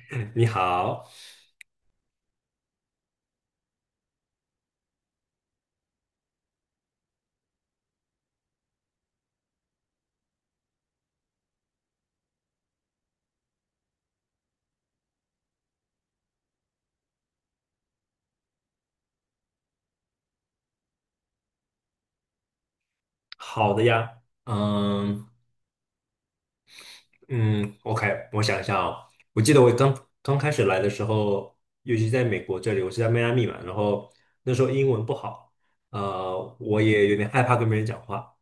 你好，好的呀，嗯嗯，OK，我想一下哦，我记得我刚开始来的时候，尤其在美国这里，我是在迈阿密嘛，然后那时候英文不好，我也有点害怕跟别人讲话，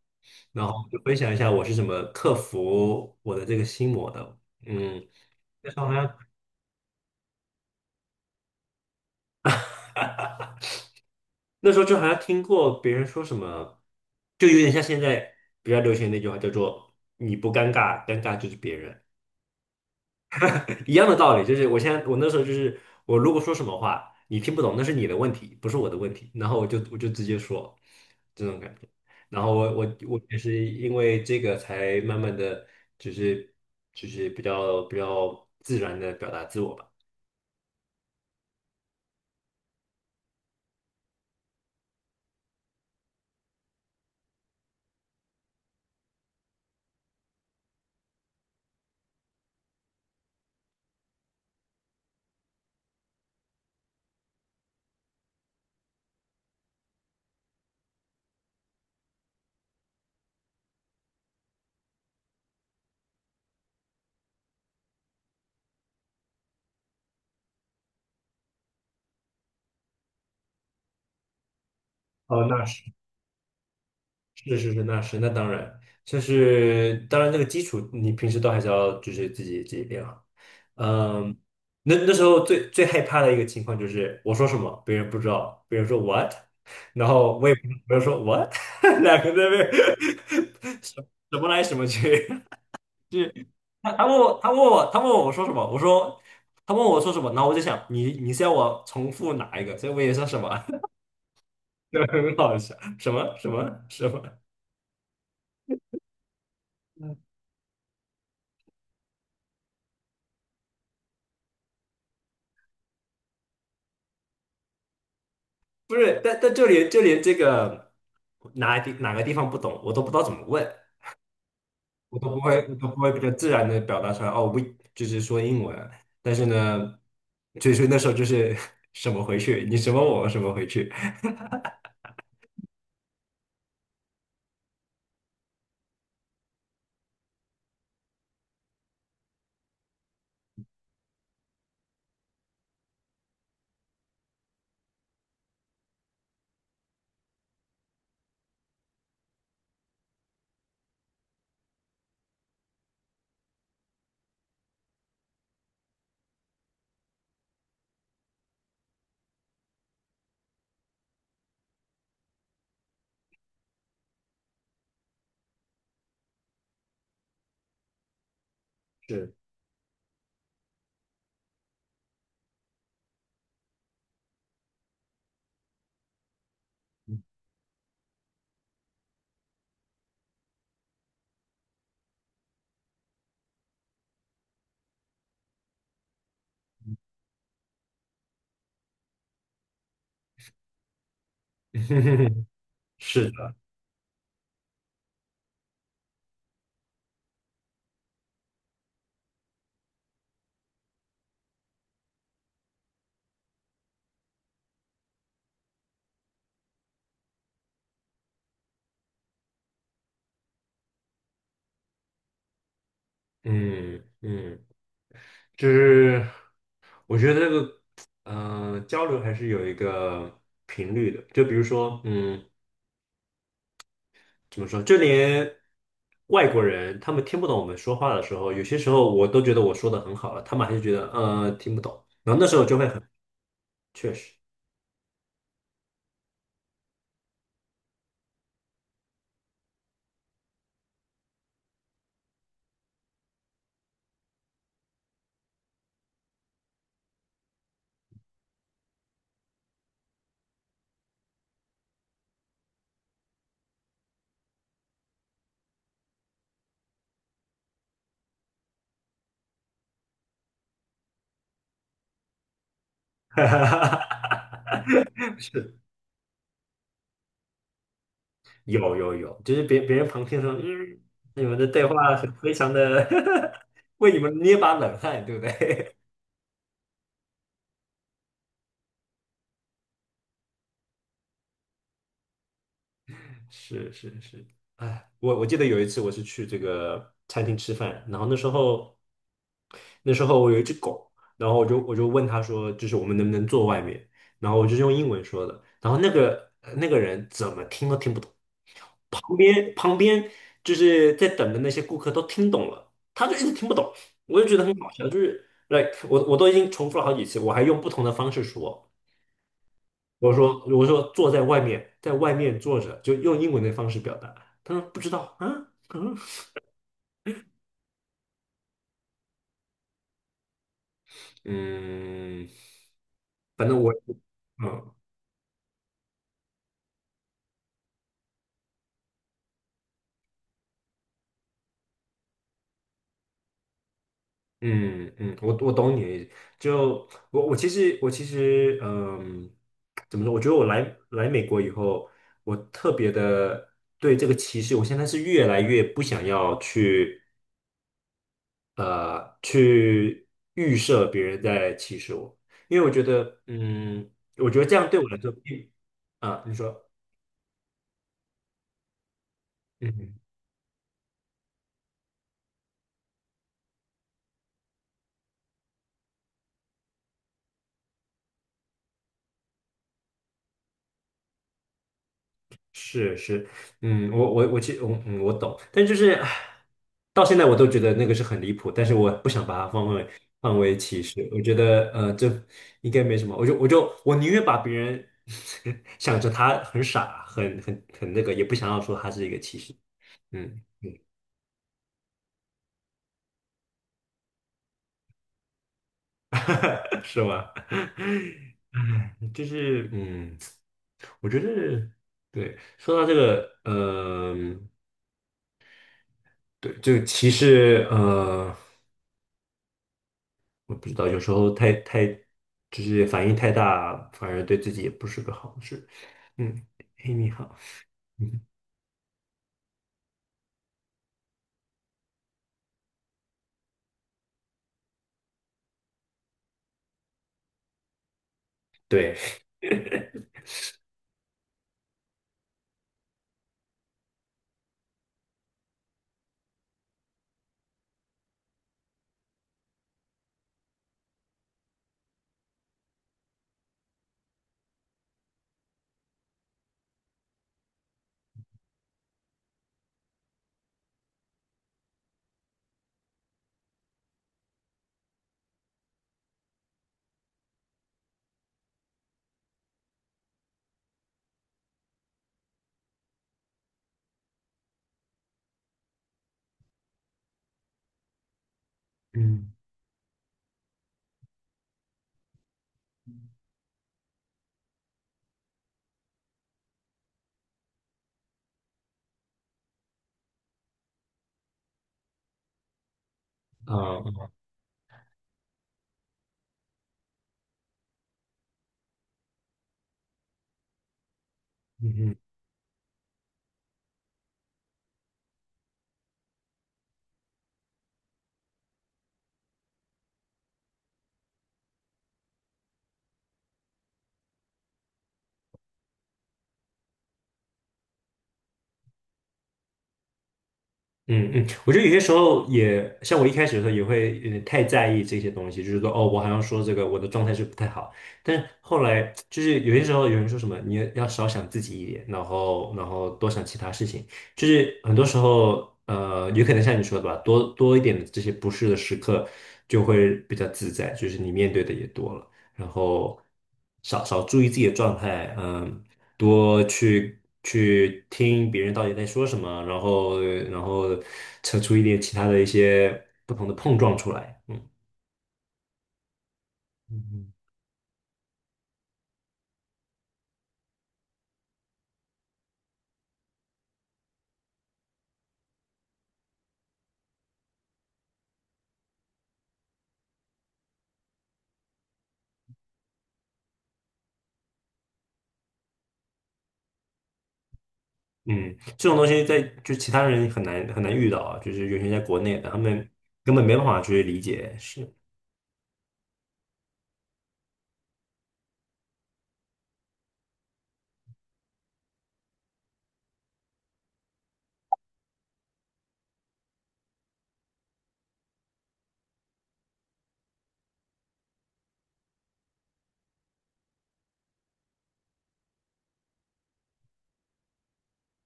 然后就分享一下我是怎么克服我的这个心魔的。嗯，那时候好像那时候就好像听过别人说什么，就有点像现在比较流行的那句话叫做“你不尴尬，尴尬就是别人”。一样的道理，就是我现在那时候就是我如果说什么话你听不懂，那是你的问题，不是我的问题。然后我就直接说这种感觉。然后我也是因为这个才慢慢的，就是就是比较自然的表达自我吧。哦，那是。是是是，那是那当然，就是当然那个基础你平时都还是要就是自己练好。嗯，那那时候最害怕的一个情况就是我说什么别人不知道，别人说 what，然后我也不没有说 what，两个在那边 什什么来什么去，就是他问我我说什么，我说他问我说什么，然后我就想你是要我重复哪一个，所以我也说什么，就很好笑，什么什么什么。不是，但就连这个哪个地方不懂，我都不知道怎么问，我都不会比较自然的表达出来。哦我就是说英文，但是呢，就是那时候就是 什么回去，你什么我什么回去，是 是的。嗯嗯，就是我觉得这个交流还是有一个频率的，就比如说嗯。怎么说，就连外国人他们听不懂我们说话的时候，有些时候我都觉得我说的很好了，他们还是觉得听不懂，然后那时候就会很确实，是有有有，就是别人旁听说，嗯，你们的对话很非常的 为你们捏把冷汗，对不对？是是是，哎，我记得有一次我是去这个餐厅吃饭，然后那时候。那时候我有一只狗，然后我就问他说，就是我们能不能坐外面？然后我就是用英文说的，然后那个那个人怎么听都听不懂，旁边就是在等的那些顾客都听懂了，他就一直听不懂，我就觉得很搞笑，就是，like 我都已经重复了好几次，我还用不同的方式说，我说坐在外面，在外面坐着，就用英文的方式表达，他说不知道啊，嗯嗯，反正我嗯。嗯嗯，我我懂你的意思。就我其实我嗯，怎么说？我觉得我来美国以后，我特别的对这个歧视，我现在是越来越不想要去去预设别人在歧视我，因为我觉得嗯，我觉得这样对我来说并啊，你说。嗯。是是，嗯，我其嗯懂，但就是唉到现在我都觉得那个是很离谱，但是我不想把它放为放为歧视，我觉得这应该没什么，我就我宁愿把别人 想着他很傻，很那个，也不想要说他是一个歧视。嗯，是吗？唉，就是嗯，我觉得对，说到这个。嗯、对，就歧视。我不知道，有时候太就是反应太大，反而对自己也不是个好事。嗯，嘿，你好，嗯，对，嗯，啊，嗯哼。嗯嗯，我觉得有些时候也像我一开始的时候也会有点太在意这些东西，就是说哦，我好像说这个我的状态是不太好，但是后来就是有些时候有人说什么你要少想自己一点，然后多想其他事情，就是很多时候，有可能像你说的吧，多多一点的这些不适的时刻就会比较自在，就是你面对的也多了。然后少注意自己的状态，嗯，多去听别人到底在说什么，然后扯出一点其他的一些不同的碰撞出来。嗯。嗯嗯，这种东西在就其他人很难遇到啊，就是尤其在国内的，他们根本没办法去理解。是，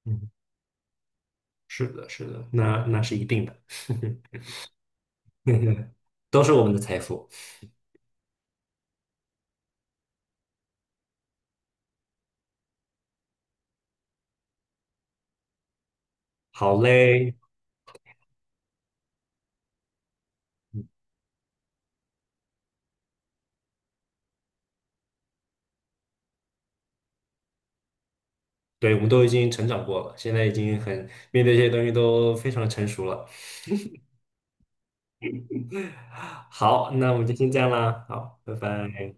嗯，是的，是的，那那是一定的，都是我们的财富。好嘞，对，我们都已经成长过了，现在已经很面对这些东西都非常成熟了。好，那我们就先这样啦，好，拜拜。